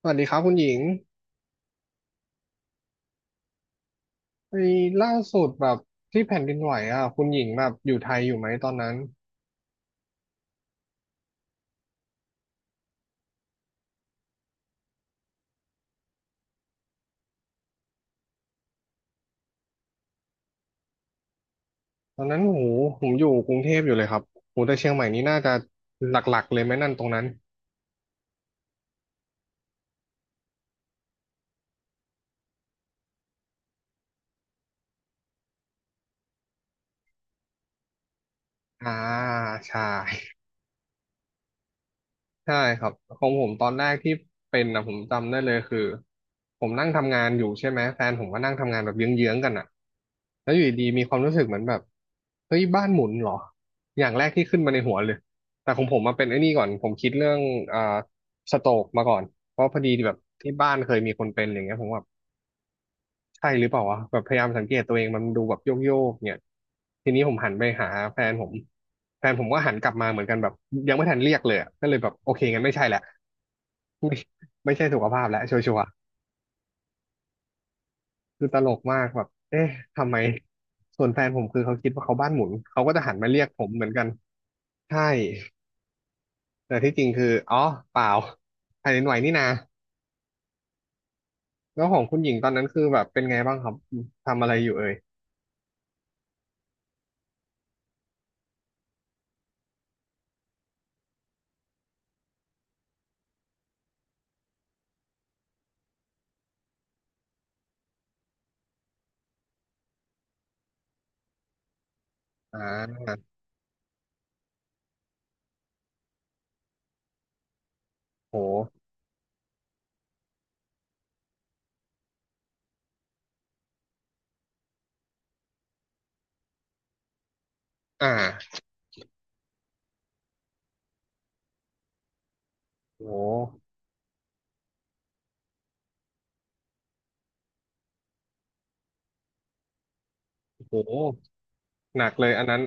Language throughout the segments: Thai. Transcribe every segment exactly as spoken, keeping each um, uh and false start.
สวัสดีครับคุณหญิงไอ้ล่าสุดแบบที่แผ่นดินไหวอ่ะคุณหญิงแบบอยู่ไทยอยู่ไหมตอนนั้นตอนนั้นโหผมอยู่กรุงเทพอยู่เลยครับโหแต่เชียงใหม่นี่น่าจะหลักๆเลยไหมนั่นตรงนั้นอ่าใช่ ใช่ครับของผมตอนแรกที่เป็นนะผมจำได้เลยคือผมนั่งทำงานอยู่ใช่ไหมแฟนผมก็นั่งทำงานแบบเยื้องๆกันอ่ะแล้วอยู่ดีๆมีความรู้สึกเหมือนแบบเฮ้ยบ้านหมุนเหรออย่างแรกที่ขึ้นมาในหัวเลยแต่ของผมมาเป็นไอ้นี่ก่อนผมคิดเรื่องอ่าสโตรกมาก่อนเพราะพอดีแบบที่บ้านเคยมีคนเป็นอย่างเงี้ยผมแบบใช่หรือเปล่าวะแบบพยายามสังเกตตัวเองมันดูแบบโยกโยกเนี่ยทีนี้ผมหันไปหาแฟนผมแฟนผมก็หันกลับมาเหมือนกันแบบยังไม่ทันเรียกเลยอะก็เลยแบบโอเคงั้นไม่ใช่แหละ ไม่ไม่ใช่สุขภาพแล้วชัวร์ๆคือตลกมากแบบเอ๊ะทำไมส่วนแฟนผมคือเขาคิดว่าเขาบ้านหมุนเขาก็จะหันมาเรียกผมเหมือนกันใช่แต่ที่จริงคืออ๋อเปล่าแผ่นดินไหวนี่นาแล้วของคุณหญิงตอนนั้นคือแบบเป็นไงบ้างครับทำอะไรอยู่เอ่ยอ่าโหอ่าโหโหหนักเลยอันนั้น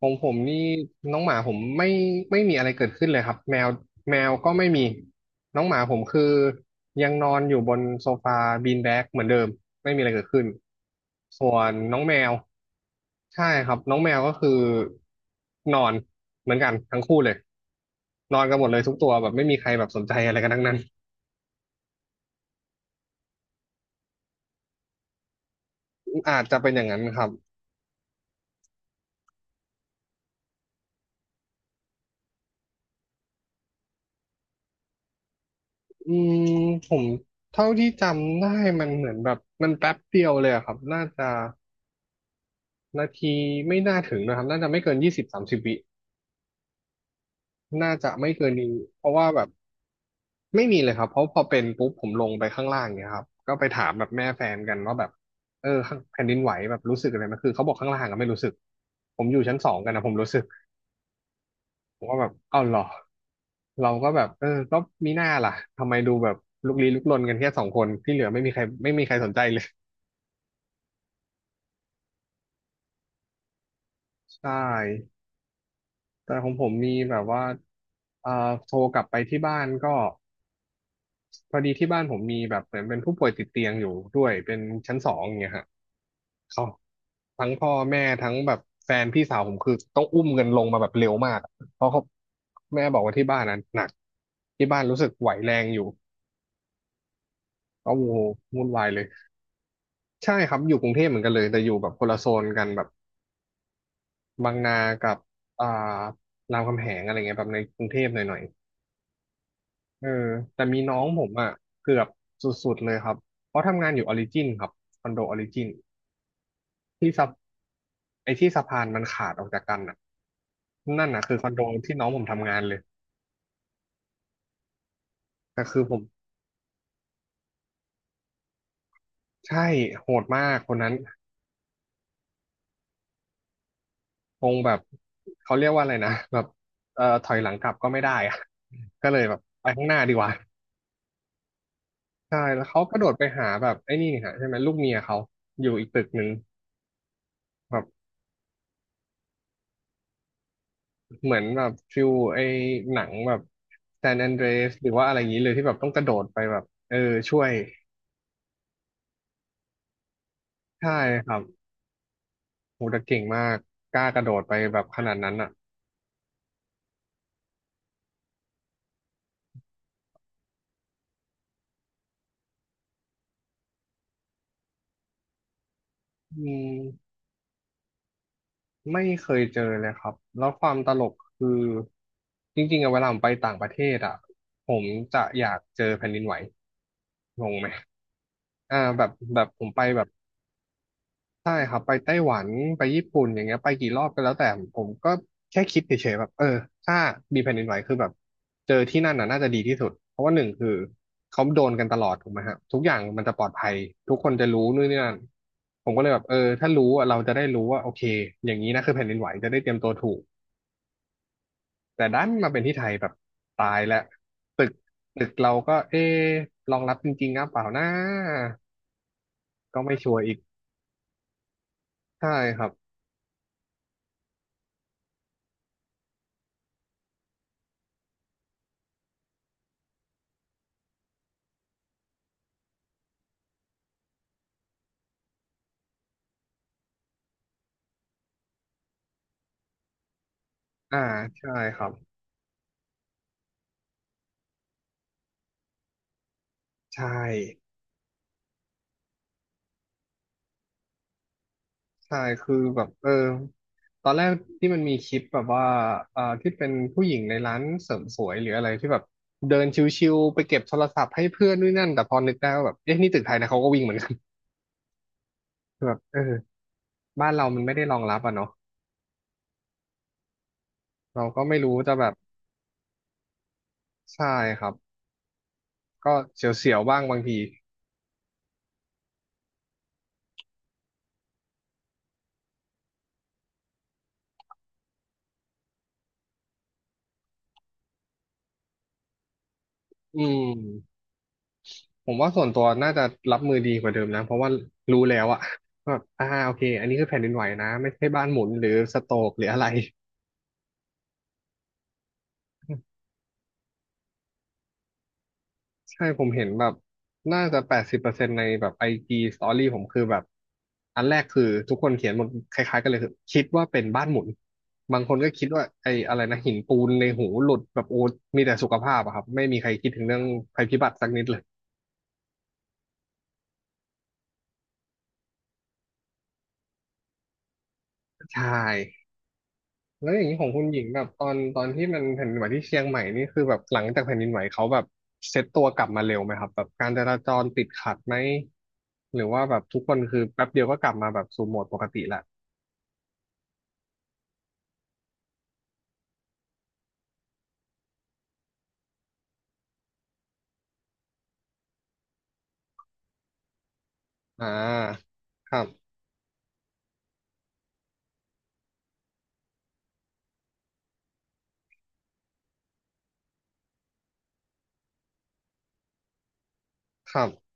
ของผมนี่น้องหมาผมไม่ไม่มีอะไรเกิดขึ้นเลยครับแมวแมวก็ไม่มีน้องหมาผมคือยังนอนอยู่บนโซฟาบีนแบกเหมือนเดิมไม่มีอะไรเกิดขึ้นส่วนน้องแมวใช่ครับน้องแมวก็คือนอนเหมือนกันทั้งคู่เลยนอนกันหมดเลยทุกตัวแบบไม่มีใครแบบสนใจอะไรกันทั้งนั้นอาจจะเป็นอย่างนั้นครับอืมผมเท่าที่จำได้มันเหมือนแบบมันแป๊บเดียวเลยอะครับน่าจะ นาทีไม่น่าถึงนะครับน่าจะไม่เกินยี่สิบถึงสามสิบวิน่าจะไม่เกินนี้เพราะว่าแบบไม่มีเลยครับเพราะพอเป็นปุ๊บผมลงไปข้างล่างเนี่ยครับก็ไปถามแบบแม่แฟนกันว่าแบบเออข้างแผ่นดินไหวแบบรู้สึกอะไรไหมคือเขาบอกข้างล่างก็ไม่รู้สึก ผมอยู่ชั้นสองกันนะผมรู้สึกผมก็แบบเอ้าวเหรอ เราก็แบบเออก็มีหน้าล่ะทำไมดูแบบลุกลี้ลุกลนกันแค่สองคนที่เหลือไม่มีใครไม่มีใครสนใจเลย ใช่แต่ของผมมีแบบว่าเอ่อโทรกลับไปที่บ้านก็ พอดีที่บ้านผมมีแบบเหมือนเป็นผู้ป่วยติดเตียงอยู่ด้วยเป็นชั้นสองอย่างเงี้ยฮะเขาทั้งพ่อแม่ทั้งแบบแฟนพี่สาวผมคือต้องอุ้มเงินลงมาแบบเร็วมากเพราะเขาแม่บอกว่าที่บ้านนั้นหนักที่บ้านรู้สึกไหวแรงอยู่ก็โอ้โหวุ่นวายเลยใช่ครับอยู่กรุงเทพเหมือนกันเลยแต่อยู่แบบคนละโซนกันแบบบางนากับอ่ารามคำแหงอะไรเงี้ยแบบในกรุงเทพหน่อยๆเออแต่มีน้องผมอ่ะเกือบสุดๆเลยครับเพราะทำงานอยู่ออริจินครับคอนโดออริจิน ที่สะไอ้ที่สะพานมันขาดออกจากกันน่ะนั่นน่ะคือคอนโดที่น้องผมทำงานเลยแต่คือผมใช่โหดมากคนนั้นคงแบบเขาเรียกว่าอะไรนะแบบเอ่อถอยหลังกลับก็ไม่ได้อะก็เลยแบบไปข้างหน้าดีกว่าใช่แล้วเขากระโดดไปหาแบบไอ้นี่ฮะใช่ไหมลูกเมียเขาอยู่อีกตึกหนึ่งแบบเหมือนแบบฟิลไอ้หนังแบบแซนแอนเดรสหรือว่าอะไรอย่างนี้เลยที่แบบต้องกระโดดไปแบบเออช่วยใช่ครับ โหแต่เก่งมากกล้ากระโดดไปแบบขนาดนั้นอ่ะอืมไม่เคยเจอเลยครับแล้วความตลกคือจริงๆอะเวลาผมไปต่างประเทศอ่ะผมจะอยากเจอแผ่นดินไหวงงไหมอ่าแบบแบบผมไปแบบ ใช่ครับไปไต้หวันไปญี่ปุ่นอย่างเงี้ยไปกี่รอบก็แล้วแต่ผมก็แค่คิดเฉยๆแบบเออถ้ามีแผ่นดินไหวคือแบบเจอที่นั่นน่ะน่าจะดีที่สุดเพราะว่าหนึ่งคือเขาโดนกันตลอดถูกไหมฮะทุกอย่างมันจะปลอดภัยทุกคนจะรู้นู่นนี่นั่นผมก็เลยแบบเออถ้ารู้อะเราจะได้รู้ว่าโอเคอย่างนี้นะคือแผ่นดินไหวจะได้เตรียมตัวถูกแต่ดันมาเป็นที่ไทยแบบตายแล้วตึกตึกเราก็เอ๊ะรองรับจริงๆนะเปล่านะก็ไม่ชัวร์อีกใช่ครับอ่าใช่ครับใช่ ใช่คือแบบเออตอนแรกที่มันมีคลิปแบบว่าเอ่อที่เป็นผู้หญิงในร้านเสริมสวยหรืออะไรที่แบบเดินชิวๆไปเก็บโทรศัพท์ให้เพื่อนด้วยนั่นแต่พอนึกได้ว่าแบบเอ๊ะนี่ตึกไทยนะเขาก็วิ่งเหมือนกัน แบบเออบ้านเรามันไม่ได้รองรับอ่ะเนาะเราก็ไม่รู้จะแบบใช่ครับก็เสียวๆบ้างบางทีอืมผมว่าส่วนตัวน่าจะรับมือดีกว่าเดิมนะเพราะว่ารู้แล้วอะ แบบอ่าโอเคอันนี้คือแผ่นดินไหวนะไม่ใช่บ้านหมุนหรือสโตรกหรืออะไร ใช่ผมเห็นแบบน่าจะแปดสิบเปอร์เซ็นต์ในแบบไอจีสตอรี่ผมคือแบบอันแรกคือทุกคนเขียนหมดคล้ายๆกันเลยคือคิดว่าเป็นบ้านหมุนบางคนก็คิดว่าไอ้อะไรนะหินปูนในหูหลุดแบบโอ้ มีแต่สุขภาพอะครับไม่มีใครคิดถึงเรื่องภัยพิบัติสักนิดเลยใช่แล้วอย่างนี้ของคุณหญิงแบบตอนตอนที่มันแผ่นดินไหวที่เชียงใหม่นี่คือแบบหลังจากแผ่นดินไหวเขาแบบเซ็ตตัวกลับมาเร็วไหมครับแบบการจราจรติดขัดไหมหรือว่าแบบทุกคนคือแป๊บเดียวก็กลับมาแบบสู่โหมดปกติละ อ่าครับ ครับ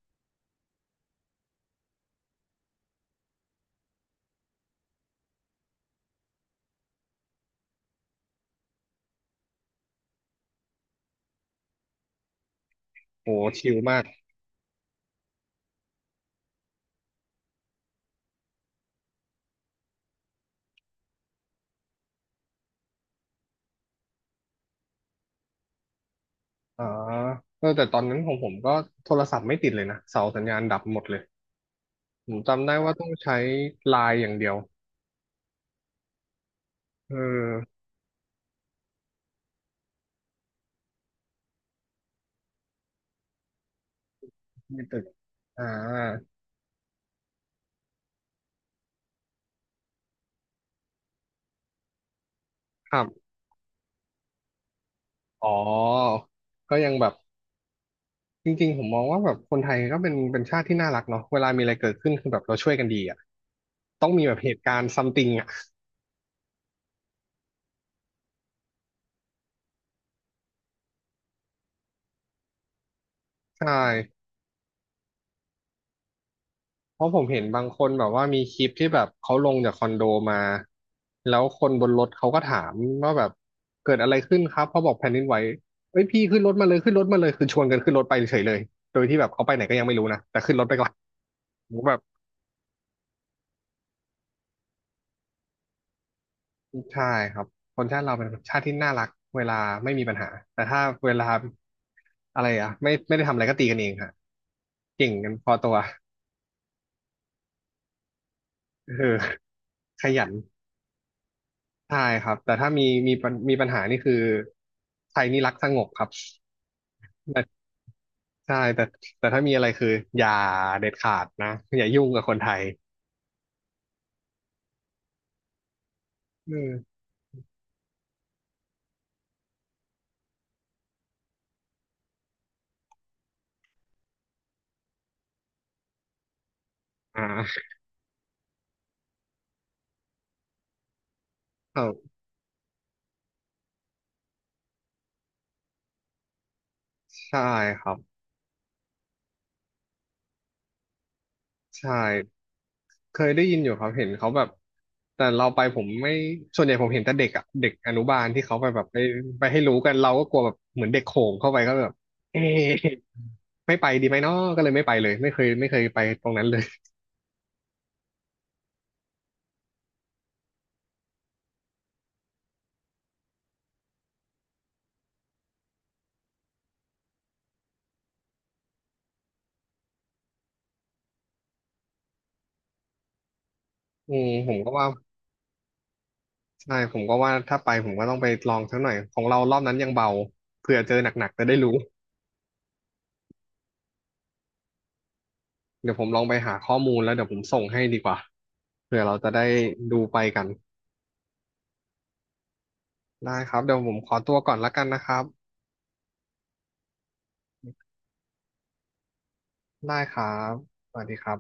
โหชิลมากอ๋อเออแต่ตอนนั้นของผมก็โทรศัพท์ไม่ติดเลยนะ เสาสัญญาณดับหมดเลยผมจำได้ว่าต้องใช้ไลน์อย่างเดียวเออไม่ติดอ่าครับอ๋อ ก็ยังแบบ จริงๆผมมองว่าแบบคนไทยก็เป็นเป็นชาติที่น่ารักเนาะเวลามีอะไรเกิดขึ้นคือแบบเราช่วยกันดีอ่ะต้องมีแบบเหตุการณ์ซัมติงอ่ะใช่ เพราะผมเห็นบางคนแบบว่ามีคลิปที่แบบเขาลงจากคอนโดมาแล้วคนบนรถเขาก็ถามว่าแบบเกิดอะไรขึ้นครับเขาบอกแผ่นดินไหวเอ้ยพี่ขึ้นรถมาเลยขึ้นรถมาเลยคือชวนกันขึ้นรถไปเฉยเลยโดยที่แบบเขาไปไหนก็ยังไม่รู้นะแต่ขึ้นรถไปก่อนผมแบบใช่ครับคนชาติเราเป็นชาติที่น่ารักเวลาไม่มีปัญหาแต่ถ้าเวลาอะไรอะไม่ไม่ได้ทำอะไรก็ตีกันเองฮะเก่งกันพอตัวเออขยัน ใช่ครับแต่ถ้ามีมีปัญมีปัญหานี่คือไทยนี่รักสงบครับแต่ใช่แต่แต่ถ้ามีอะไรคืออย่าเด็ดขาดนะอย่ายุ่งกับคนไทยอืมอ่าครับใช่ครับใช่เคยได้ยินอยู่ครับเห็นเขาแบบแต่เราไปผมไม่ส่วนใหญ่ผมเห็นแต่เด็กอ่ะเด็กอนุบาลที่เขาไปแบบไปไปให้รู้กันเราก็กลัวแบบเหมือนเด็กโขงเข้าไปก็แบบเอ๊ะไม่ไปดีไหมเนาะก็เลยไม่ไปเลยไม่เคยไม่เคยไปตรงนั้นเลยอืมผมก็ว่า ใช่ผมก็ว่าถ้าไปผมก็ต้องไปลองสักหน่อยของเรารอบนั้นยังเบาเผื่อเจอหนักๆจะได้รู้เดี๋ยวผมลองไปหาข้อมูลแล้วเดี๋ยวผมส่งให้ดีกว่าเผื่อเราจะได้ดูไปกันได้ครับเดี๋ยวผมขอตัวก่อนละกันนะครับได้ครับสวัสดีครับ